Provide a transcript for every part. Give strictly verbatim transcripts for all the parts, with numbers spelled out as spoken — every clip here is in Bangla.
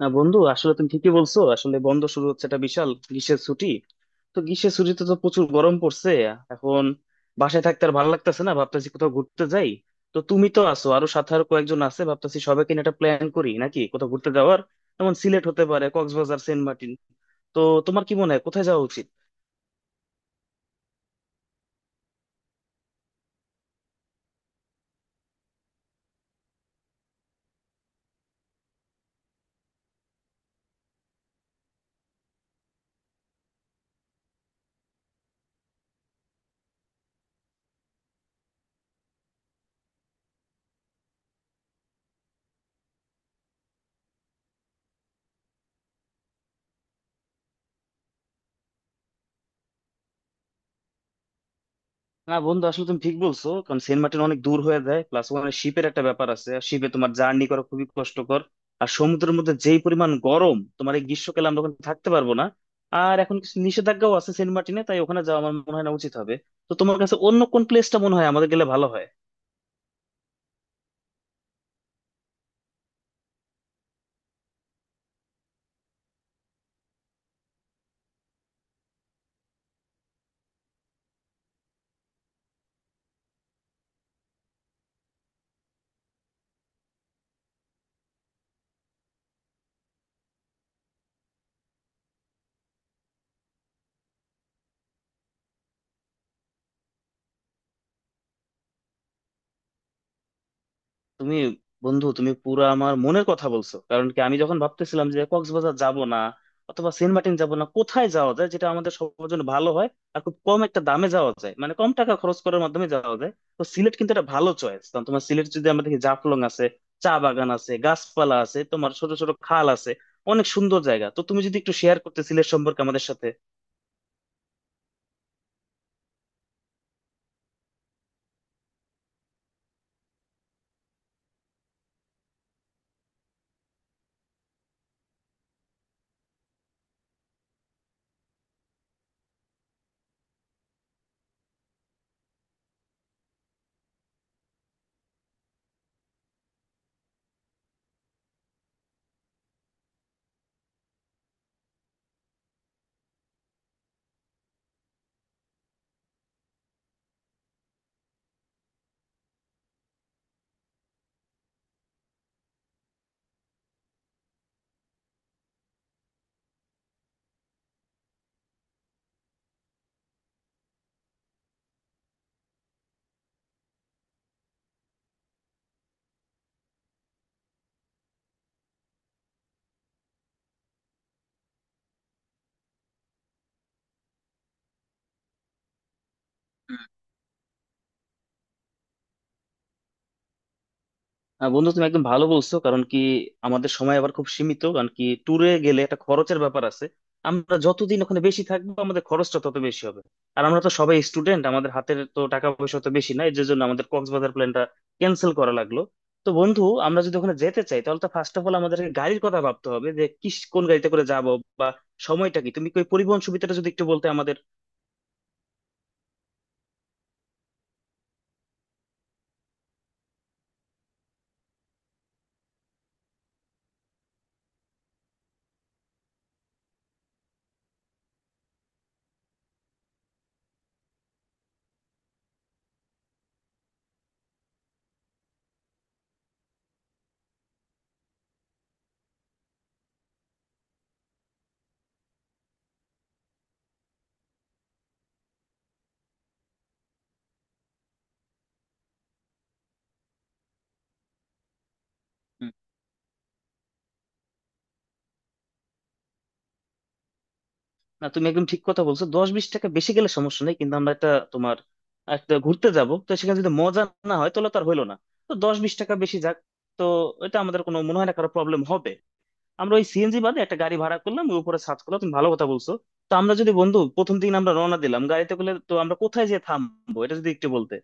না বন্ধু, আসলে তুমি ঠিকই বলছো। আসলে বন্ধ শুরু হচ্ছে একটা বিশাল গ্রীষ্মের ছুটি। তো গ্রীষ্মের ছুটিতে তো প্রচুর গরম পড়ছে এখন। বাসায় থাকতে আর ভালো লাগতেছে না, ভাবতেছি কোথাও ঘুরতে যাই। তো তুমি তো আছো, আরো সাথে আরো কয়েকজন আছে, ভাবতেছি সবাইকে নিয়ে একটা প্ল্যান করি নাকি কোথাও ঘুরতে যাওয়ার। যেমন সিলেট হতে পারে, কক্সবাজার, সেন্ট মার্টিন। তো তোমার কি মনে হয় কোথায় যাওয়া উচিত? না বন্ধু, আসলে তুমি ঠিক বলছো। কারণ সেন্ট মার্টিন অনেক দূর হয়ে যায়, প্লাস ওখানে শিপের একটা ব্যাপার আছে, আর শিপে তোমার জার্নি করা খুবই কষ্টকর। আর সমুদ্রের মধ্যে যেই পরিমাণ গরম তোমার, এই গ্রীষ্মকালে আমরা ওখানে থাকতে পারবো না। আর এখন কিছু নিষেধাজ্ঞাও আছে সেন্ট মার্টিনে, তাই ওখানে যাওয়া আমার মনে হয় না উচিত হবে। তো তোমার কাছে অন্য কোন প্লেসটা মনে হয় আমাদের গেলে ভালো হয়? তুমি বন্ধু, তুমি পুরো আমার মনের কথা বলছো। কারণ কি আমি যখন ভাবতেছিলাম যে কক্সবাজার যাব না, অথবা সেন্ট মার্টিন যাব না, কোথায় যাওয়া যায় যেটা আমাদের সবার জন্য ভালো হয় আর খুব কম একটা দামে যাওয়া যায়, মানে কম টাকা খরচ করার মাধ্যমে যাওয়া যায়। তো সিলেট কিন্তু একটা ভালো চয়েস। কারণ তোমার সিলেট যদি আমরা দেখি, জাফলং আছে, চা বাগান আছে, গাছপালা আছে, তোমার ছোট ছোট খাল আছে, অনেক সুন্দর জায়গা। তো তুমি যদি একটু শেয়ার করতে সিলেট সম্পর্কে আমাদের সাথে। আহ বন্ধু, তুমি একদম ভালো বলছো। কারণ কি আমাদের সময় আবার খুব সীমিত, কারণ কি ট্যুরে গেলে একটা খরচের ব্যাপার আছে, আমরা যতদিন ওখানে বেশি থাকবো আমাদের খরচটা তত বেশি হবে। আর আমরা তো সবাই স্টুডেন্ট, আমাদের হাতের তো টাকা পয়সা তো বেশি না, এর জন্য আমাদের কক্সবাজার প্ল্যানটা ক্যান্সেল করা লাগলো। তো বন্ধু, আমরা যদি ওখানে যেতে চাই, তাহলে তো ফার্স্ট অফ অল আমাদেরকে গাড়ির কথা ভাবতে হবে যে কি কোন গাড়িতে করে যাব, বা সময়টা কি। তুমি কি ওই পরিবহন সুবিধাটা যদি একটু বলতে আমাদের। না, তুমি একদম ঠিক কথা বলছো। দশ বিশ টাকা বেশি গেলে সমস্যা নেই, কিন্তু আমরা একটা তোমার একটা ঘুরতে যাব, তো সেখানে যদি মজা না হয় তাহলে তো আর হইলো না। তো দশ বিশ টাকা বেশি যাক। তো এটা আমাদের কোনো মনে হয় না কারো প্রবলেম হবে। আমরা ওই সিএনজি বাদে একটা গাড়ি ভাড়া করলাম, ওই উপরে সার্চ করলাম, তুমি ভালো কথা বলছো। তো আমরা যদি বন্ধু প্রথম দিন আমরা রওনা দিলাম গাড়িতে করে, তো আমরা কোথায় যেয়ে থামবো এটা যদি একটু বলতে।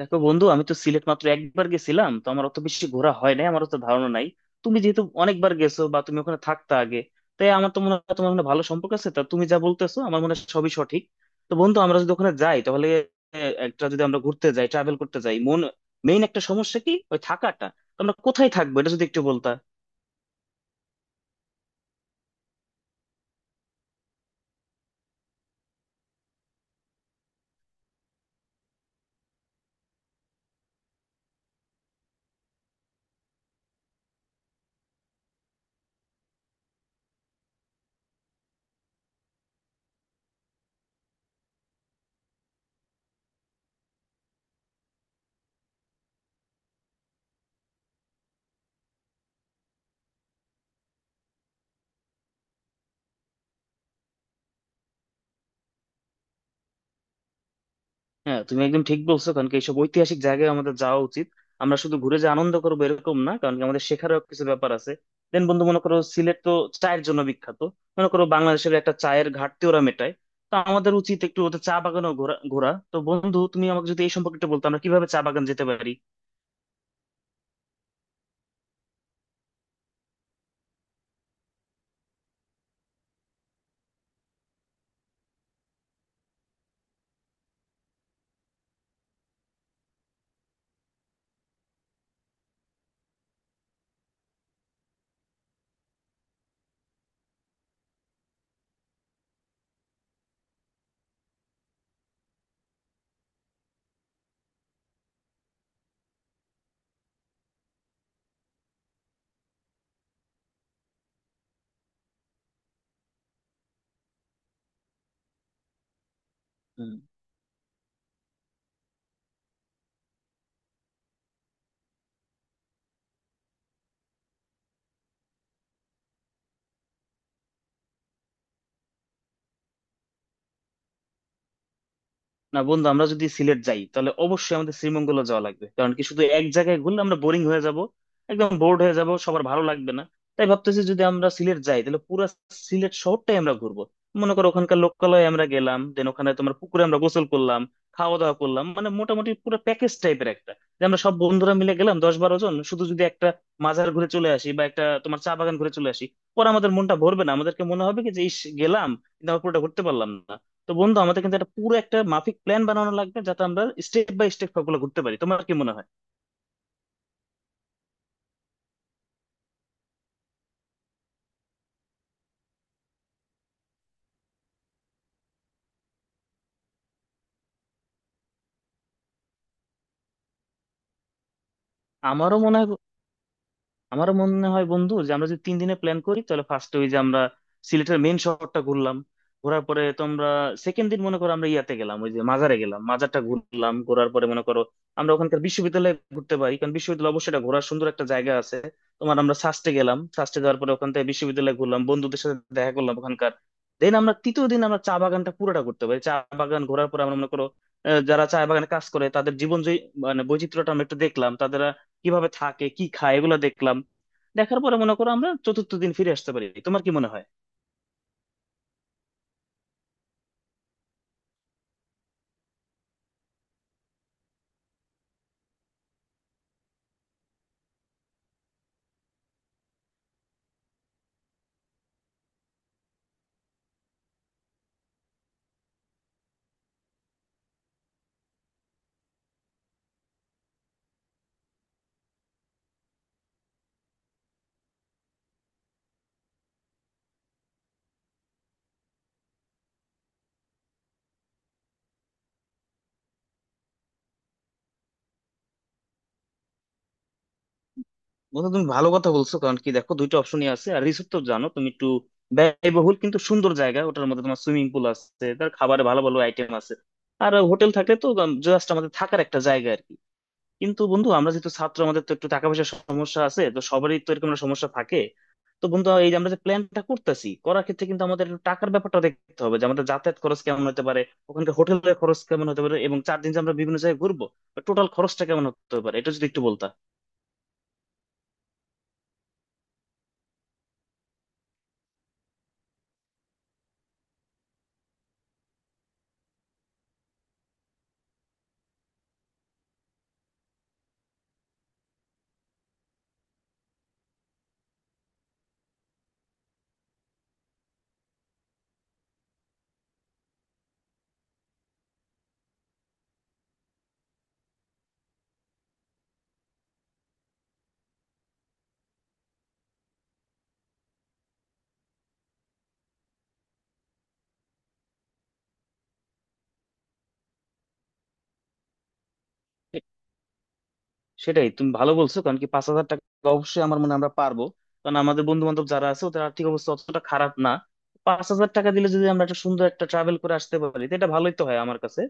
দেখো বন্ধু, আমি তো সিলেট মাত্র একবার গেছিলাম, তো আমার অত বেশি ঘোরা হয় নাই, আমার অত ধারণা নাই। তুমি যেহেতু অনেকবার গেছো বা তুমি ওখানে থাকতে আগে, তাই আমার তো মনে হয় তোমার মনে হয় ভালো সম্পর্ক আছে। তা তুমি যা বলতেছো আমার মনে হয় সবই সঠিক। তো বন্ধু, আমরা যদি ওখানে যাই তাহলে আহ, একটা যদি আমরা ঘুরতে যাই ট্রাভেল করতে যাই, মন মেইন একটা সমস্যা কি ওই থাকাটা। তো আমরা কোথায় থাকবো এটা যদি একটু বলতা। হ্যাঁ, তুমি একদম ঠিক বলছো। কারণ কি এইসব ঐতিহাসিক জায়গায় আমাদের যাওয়া উচিত। আমরা শুধু ঘুরে যে আনন্দ করবো এরকম না, কারণ কি আমাদের শেখারও কিছু ব্যাপার আছে। দেন বন্ধু, মনে করো সিলেট তো চায়ের জন্য বিখ্যাত। মনে করো বাংলাদেশের একটা চায়ের ঘাটতি ওরা মেটায়। তো আমাদের উচিত একটু ওদের চা বাগানও ঘোরা ঘোরা। তো বন্ধু, তুমি আমাকে যদি এই সম্পর্কে একটু বলতো আমরা কিভাবে চা বাগান যেতে পারি। হুম। না বন্ধু, আমরা যদি সিলেট যাই তাহলে অবশ্যই আমাদের শ্রীমঙ্গলে যাওয়া লাগবে। কারণ কি শুধু এক জায়গায় ঘুরলে আমরা বোরিং হয়ে যাব, একদম বোর্ড হয়ে যাব, সবার ভালো লাগবে না। তাই ভাবতেছি যদি আমরা সিলেট যাই তাহলে পুরো সিলেট শহরটাই আমরা ঘুরবো। মনে করো ওখানকার লোকালয়ে আমরা গেলাম, দেন ওখানে তোমার পুকুরে আমরা গোসল করলাম, খাওয়া দাওয়া করলাম, মানে মোটামুটি পুরো প্যাকেজ টাইপের একটা। যে আমরা সব বন্ধুরা মিলে গেলাম দশ বারো জন, শুধু যদি একটা মাজার ঘুরে চলে আসি বা একটা তোমার চা বাগান ঘুরে চলে আসি, পরে আমাদের মনটা ভরবে না, আমাদেরকে মনে হবে কি যে ইস গেলাম কিন্তু আমরা পুরোটা ঘুরতে পারলাম না। তো বন্ধু, আমাদের কিন্তু একটা পুরো একটা মাফিক প্ল্যান বানানো লাগবে, যাতে আমরা স্টেপ বাই স্টেপ সবগুলো করতে পারি। তোমার কি মনে হয়? আমারও মনে হয় আমারও মনে হয় বন্ধু, যে আমরা যদি তিন দিনে প্ল্যান করি তাহলে ফার্স্ট ওই যে আমরা সিলেটের মেন শহরটা ঘুরলাম। ঘোরার পরে তোমরা সেকেন্ড দিন মনে করো আমরা ইয়াতে গেলাম, ওই যে মাজারে গেলাম, মাজারটা ঘুরলাম, ঘোরার পরে মনে করো আমরা ওখানকার বিশ্ববিদ্যালয়ে ঘুরতে পারি। কারণ বিশ্ববিদ্যালয় অবশ্যই এটা ঘোরার সুন্দর একটা জায়গা আছে তোমার। আমরা সাস্টে গেলাম, সাস্টে যাওয়ার পরে ওখান থেকে বিশ্ববিদ্যালয়ে ঘুরলাম, বন্ধুদের সাথে দেখা করলাম ওখানকার। দেন আমরা তৃতীয় দিন আমরা চা বাগানটা পুরোটা করতে পারি। চা বাগান ঘোরার পরে আমরা মনে করো, আহ, যারা চা বাগানে কাজ করে তাদের জীবন জয়ী মানে বৈচিত্র্যটা আমরা একটু দেখলাম, তাদের কিভাবে থাকে কি খায় এগুলো দেখলাম। দেখার পরে মনে করো আমরা চতুর্থ দিন ফিরে আসতে পারি। তোমার কি মনে হয়? বন্ধু, তুমি ভালো কথা বলছো। কারণ কি দেখো দুইটা অপশনই আছে। আর রিসোর্ট তো জানো তুমি, একটু ব্যয়বহুল কিন্তু সুন্দর জায়গা। ওটার মধ্যে তোমার সুইমিং পুল আছে, তার খাবারে ভালো ভালো আইটেম আছে। আর হোটেল থাকলে তো জাস্ট আমাদের থাকার একটা জায়গা আর কি। কিন্তু বন্ধু, আমরা যেহেতু ছাত্র, আমাদের তো একটু টাকা পয়সার সমস্যা আছে, তো সবারই তো এরকম একটা সমস্যা থাকে। তো বন্ধু, এই যে আমরা যে প্ল্যানটা করতেছি করার ক্ষেত্রে কিন্তু আমাদের একটু টাকার ব্যাপারটা দেখতে হবে, যে আমাদের যাতায়াত খরচ কেমন হতে পারে, ওখানকার হোটেলের খরচ কেমন হতে পারে, এবং চার দিন যে আমরা বিভিন্ন জায়গায় ঘুরবো টোটাল খরচটা কেমন হতে পারে, এটা যদি একটু বলতা। সেটাই, তুমি ভালো বলছো। কারণ কি পাঁচ হাজার টাকা অবশ্যই আমার মনে হয় আমরা পারবো। কারণ আমাদের বন্ধু বান্ধব যারা আছে ওদের আর্থিক অবস্থা অতটা খারাপ না। পাঁচ হাজার টাকা দিলে যদি আমরা একটা সুন্দর একটা ট্রাভেল করে আসতে পারি, তো এটা ভালোই তো হয় আমার কাছে।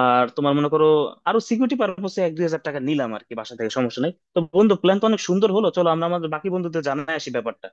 আর তোমার মনে করো, আরো সিকিউরিটি পারপোসে এক দুই হাজার টাকা নিলাম আর কি, বাসা থেকে সমস্যা নেই। তো বন্ধু, প্ল্যান তো অনেক সুন্দর হলো, চলো আমরা আমাদের বাকি বন্ধুদের জানাই আসি ব্যাপারটা।